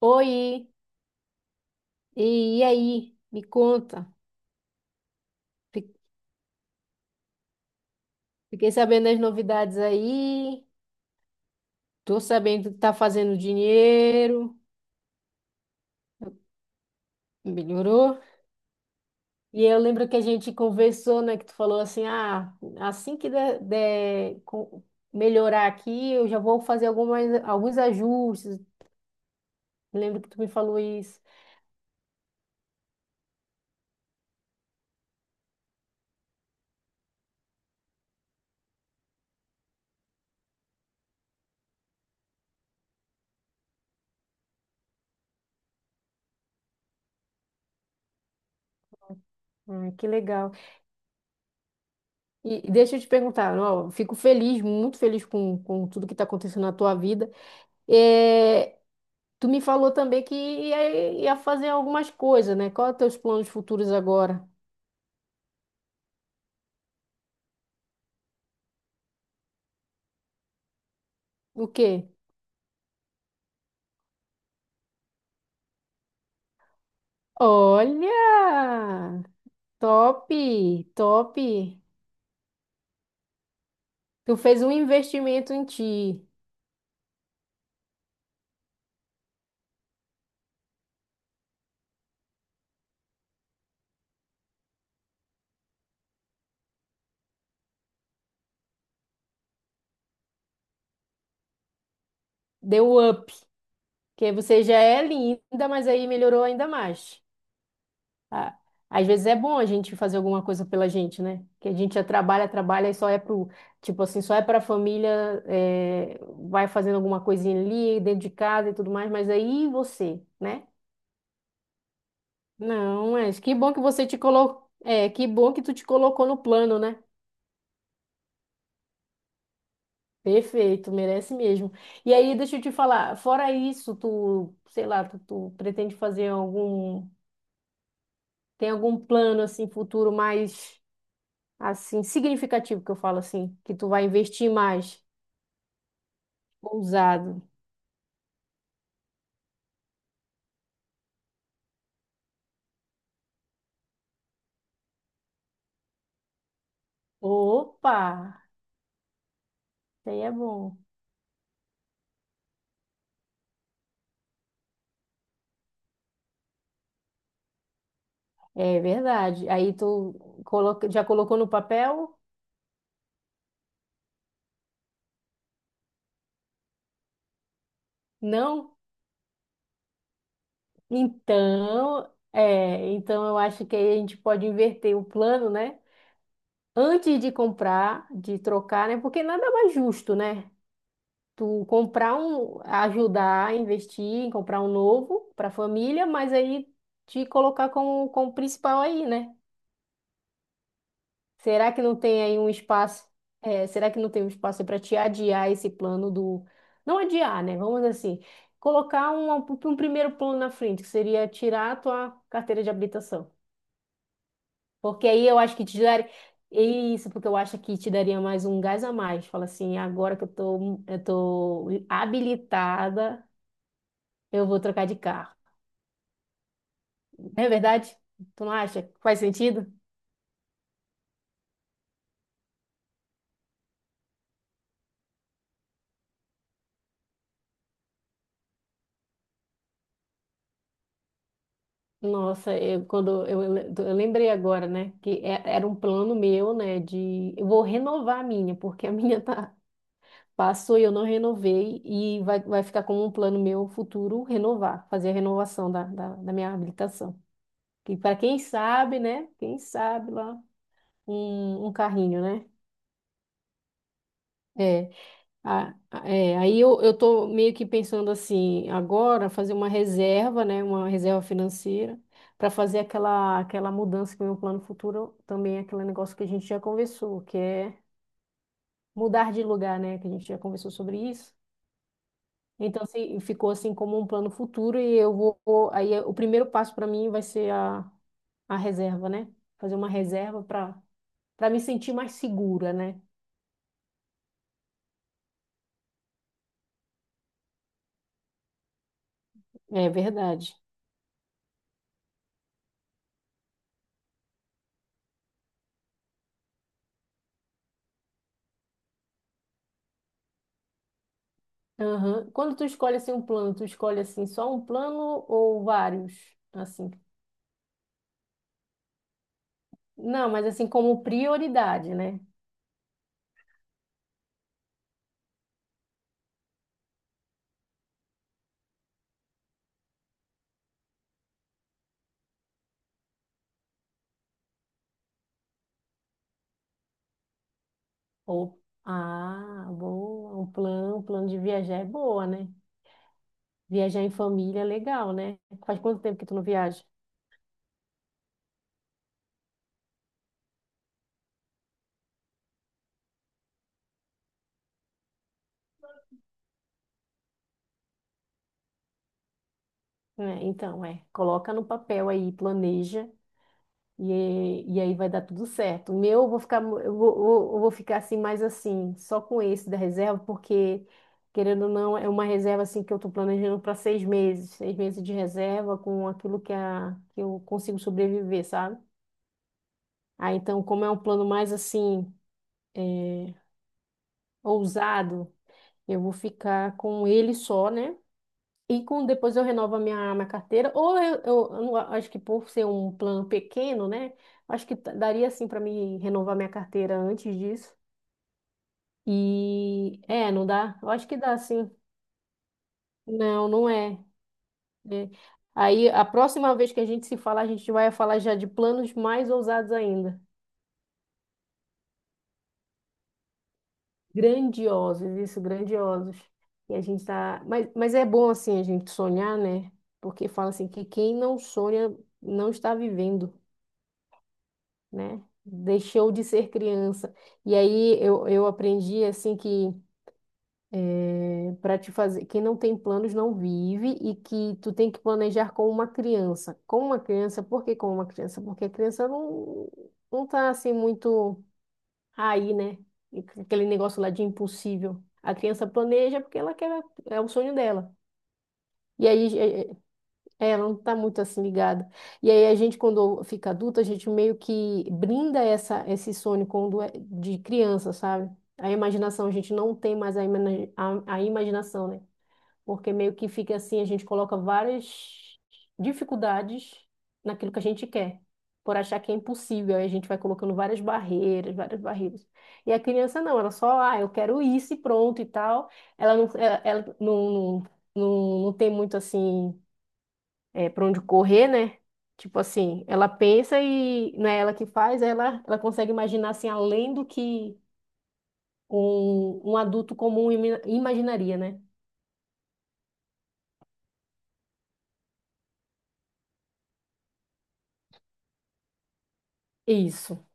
Oi, e aí? Me conta. Fi- Fiquei sabendo das novidades aí. Tô sabendo que tá fazendo dinheiro. Melhorou. E eu lembro que a gente conversou, né? Que tu falou assim, ah, assim que der melhorar aqui, eu já vou fazer alguns ajustes. Lembro que tu me falou isso. Ah, que legal. E deixa eu te perguntar, ó, eu fico feliz, muito feliz com tudo que está acontecendo na tua vida. É, tu me falou também que ia fazer algumas coisas, né? Qual é os teus planos futuros agora? O quê? Olha! Top! Top! Tu fez um investimento em ti. Deu up. Porque você já é linda, mas aí melhorou ainda mais. Ah, às vezes é bom a gente fazer alguma coisa pela gente, né? Que a gente já trabalha, trabalha e só é pro. Tipo assim, só é pra família, é, vai fazendo alguma coisinha ali, dentro de casa e tudo mais. Mas aí você, né? Não, mas que bom que você te colocou. É, que bom que tu te colocou no plano, né? Perfeito, merece mesmo. E aí, deixa eu te falar, fora isso, tu, sei lá, tu pretende fazer algum, tem algum plano assim futuro mais assim significativo que eu falo assim, que tu vai investir mais ousado. Opa, isso aí é bom. É verdade. Aí tu coloca, já colocou no papel? Não? Então, é, então eu acho que aí a gente pode inverter o plano, né? Antes de comprar, de trocar, né? Porque nada mais justo, né? Tu comprar um, ajudar a investir em comprar um novo para a família, mas aí te colocar como principal aí, né? Será que não tem aí um espaço? É, será que não tem um espaço para te adiar esse plano do. Não adiar, né? Vamos dizer assim, colocar um primeiro plano na frente, que seria tirar a tua carteira de habilitação. Porque aí eu acho que te daria. É isso, porque eu acho que te daria mais um gás a mais. Fala assim, agora que eu tô habilitada, eu vou trocar de carro. Não é verdade? Tu não acha? Faz sentido? Nossa, eu, quando eu lembrei agora, né, que era um plano meu, né, de eu vou renovar a minha, porque a minha tá passou e eu não renovei e vai ficar como um plano meu futuro renovar, fazer a renovação da minha habilitação. E para quem sabe, né, quem sabe lá um carrinho, né? É, é, aí eu tô meio que pensando assim, agora fazer uma reserva, né, uma reserva financeira, para fazer aquela mudança que é o meu plano futuro também é aquele negócio que a gente já conversou, que é mudar de lugar, né, que a gente já conversou sobre isso. Então, assim, ficou assim como um plano futuro e aí o primeiro passo para mim vai ser a reserva, né? Fazer uma reserva para me sentir mais segura, né? É verdade. Aham. Quando tu escolhe assim um plano, tu escolhe assim só um plano ou vários? Assim. Não, mas assim como prioridade, né? Ou ah, boa, um plano de viajar é boa, né? Viajar em família é legal, né? Faz quanto tempo que tu não viaja? Né? Então, é, coloca no papel aí, planeja. E aí vai dar tudo certo. O meu, eu vou ficar assim, mais assim, só com esse da reserva, porque, querendo ou não, é uma reserva assim que eu estou planejando para seis meses de reserva com aquilo que eu consigo sobreviver, sabe? Ah, então, como é um plano mais assim, é, ousado, eu vou ficar com ele só, né? E depois eu renovo a minha carteira, ou eu não acho que por ser um plano pequeno, né? Acho que daria assim para mim renovar minha carteira antes disso. E é, não dá? Eu acho que dá sim. Não, não é. Né? Aí a próxima vez que a gente se falar, a gente vai falar já de planos mais ousados ainda. Grandiosos, isso, grandiosos. E a gente tá. Mas é bom assim a gente sonhar, né? Porque fala assim que quem não sonha não está vivendo. Né? Deixou de ser criança. E aí eu aprendi assim que é, para te fazer, quem não tem planos não vive e que tu tem que planejar com uma criança. Com uma criança, por que com uma criança? Porque a criança não, não tá assim muito aí, né? Aquele negócio lá de impossível. A criança planeja porque ela quer, é o sonho dela. E aí é, ela não está muito assim ligada. E aí a gente, quando fica adulta, a gente meio que brinda esse sonho quando é de criança, sabe? A imaginação, a gente não tem mais a imaginação, né? Porque meio que fica assim, a gente coloca várias dificuldades naquilo que a gente quer, por achar que é impossível. Aí a gente vai colocando várias barreiras, várias barreiras. E a criança não, ela só, ah, eu quero isso e pronto e tal. Ela não, ela, ela não, não, não, não tem muito assim é, para onde correr, né? Tipo assim, ela pensa e não é ela que faz, ela consegue imaginar assim, além do que um adulto comum imaginaria, né? Isso.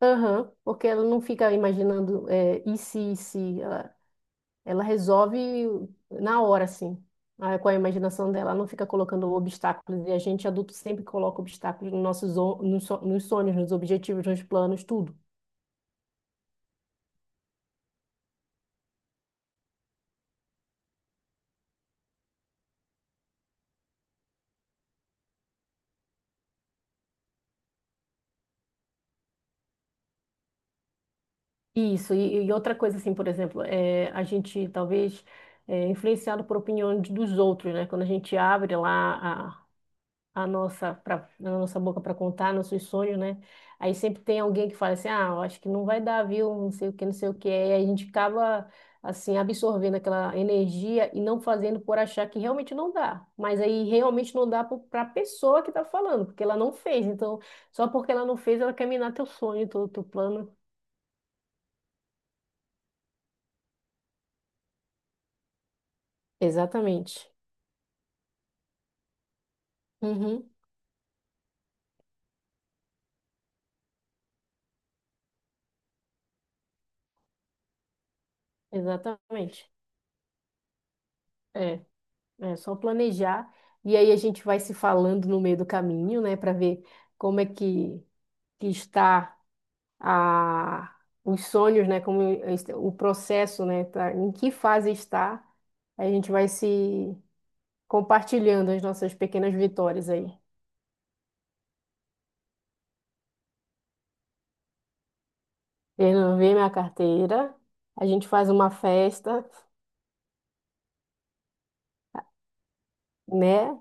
Aham, porque ela não fica imaginando é, e se, e se. Ela resolve na hora, assim, com a imaginação dela. Ela não fica colocando obstáculos. E a gente, adulto, sempre coloca obstáculos nos sonhos, nos objetivos, nos planos, tudo. Isso, e outra coisa, assim, por exemplo, é, a gente talvez é influenciado por opiniões dos outros, né? Quando a gente abre lá a, a nossa boca para contar nossos sonhos, né? Aí sempre tem alguém que fala assim: ah, eu acho que não vai dar, viu? Não sei o que, não sei o que. Aí a gente acaba, assim, absorvendo aquela energia e não fazendo por achar que realmente não dá. Mas aí realmente não dá para a pessoa que está falando, porque ela não fez. Então, só porque ela não fez, ela quer minar teu sonho, teu plano. Exatamente. Uhum, exatamente. É, é só planejar e aí a gente vai se falando no meio do caminho, né, para ver como é que está a os sonhos, né, como o processo, né, tá, em que fase está. A gente vai se compartilhando as nossas pequenas vitórias aí. Vendo, vê minha carteira, a gente faz uma festa, né?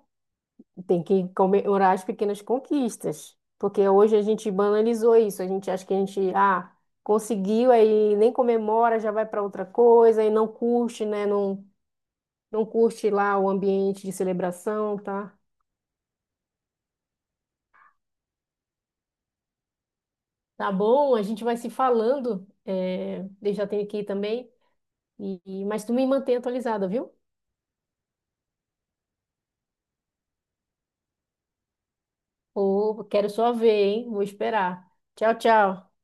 Tem que comemorar as pequenas conquistas, porque hoje a gente banalizou isso, a gente acha que a gente, ah, conseguiu, aí nem comemora, já vai para outra coisa, e não curte, né? Não, não curte lá o ambiente de celebração, tá? Tá bom, a gente vai se falando, é, eu já tenho aqui também, mas tu me mantém atualizada, viu? Ô, quero só ver, hein? Vou esperar. Tchau, tchau.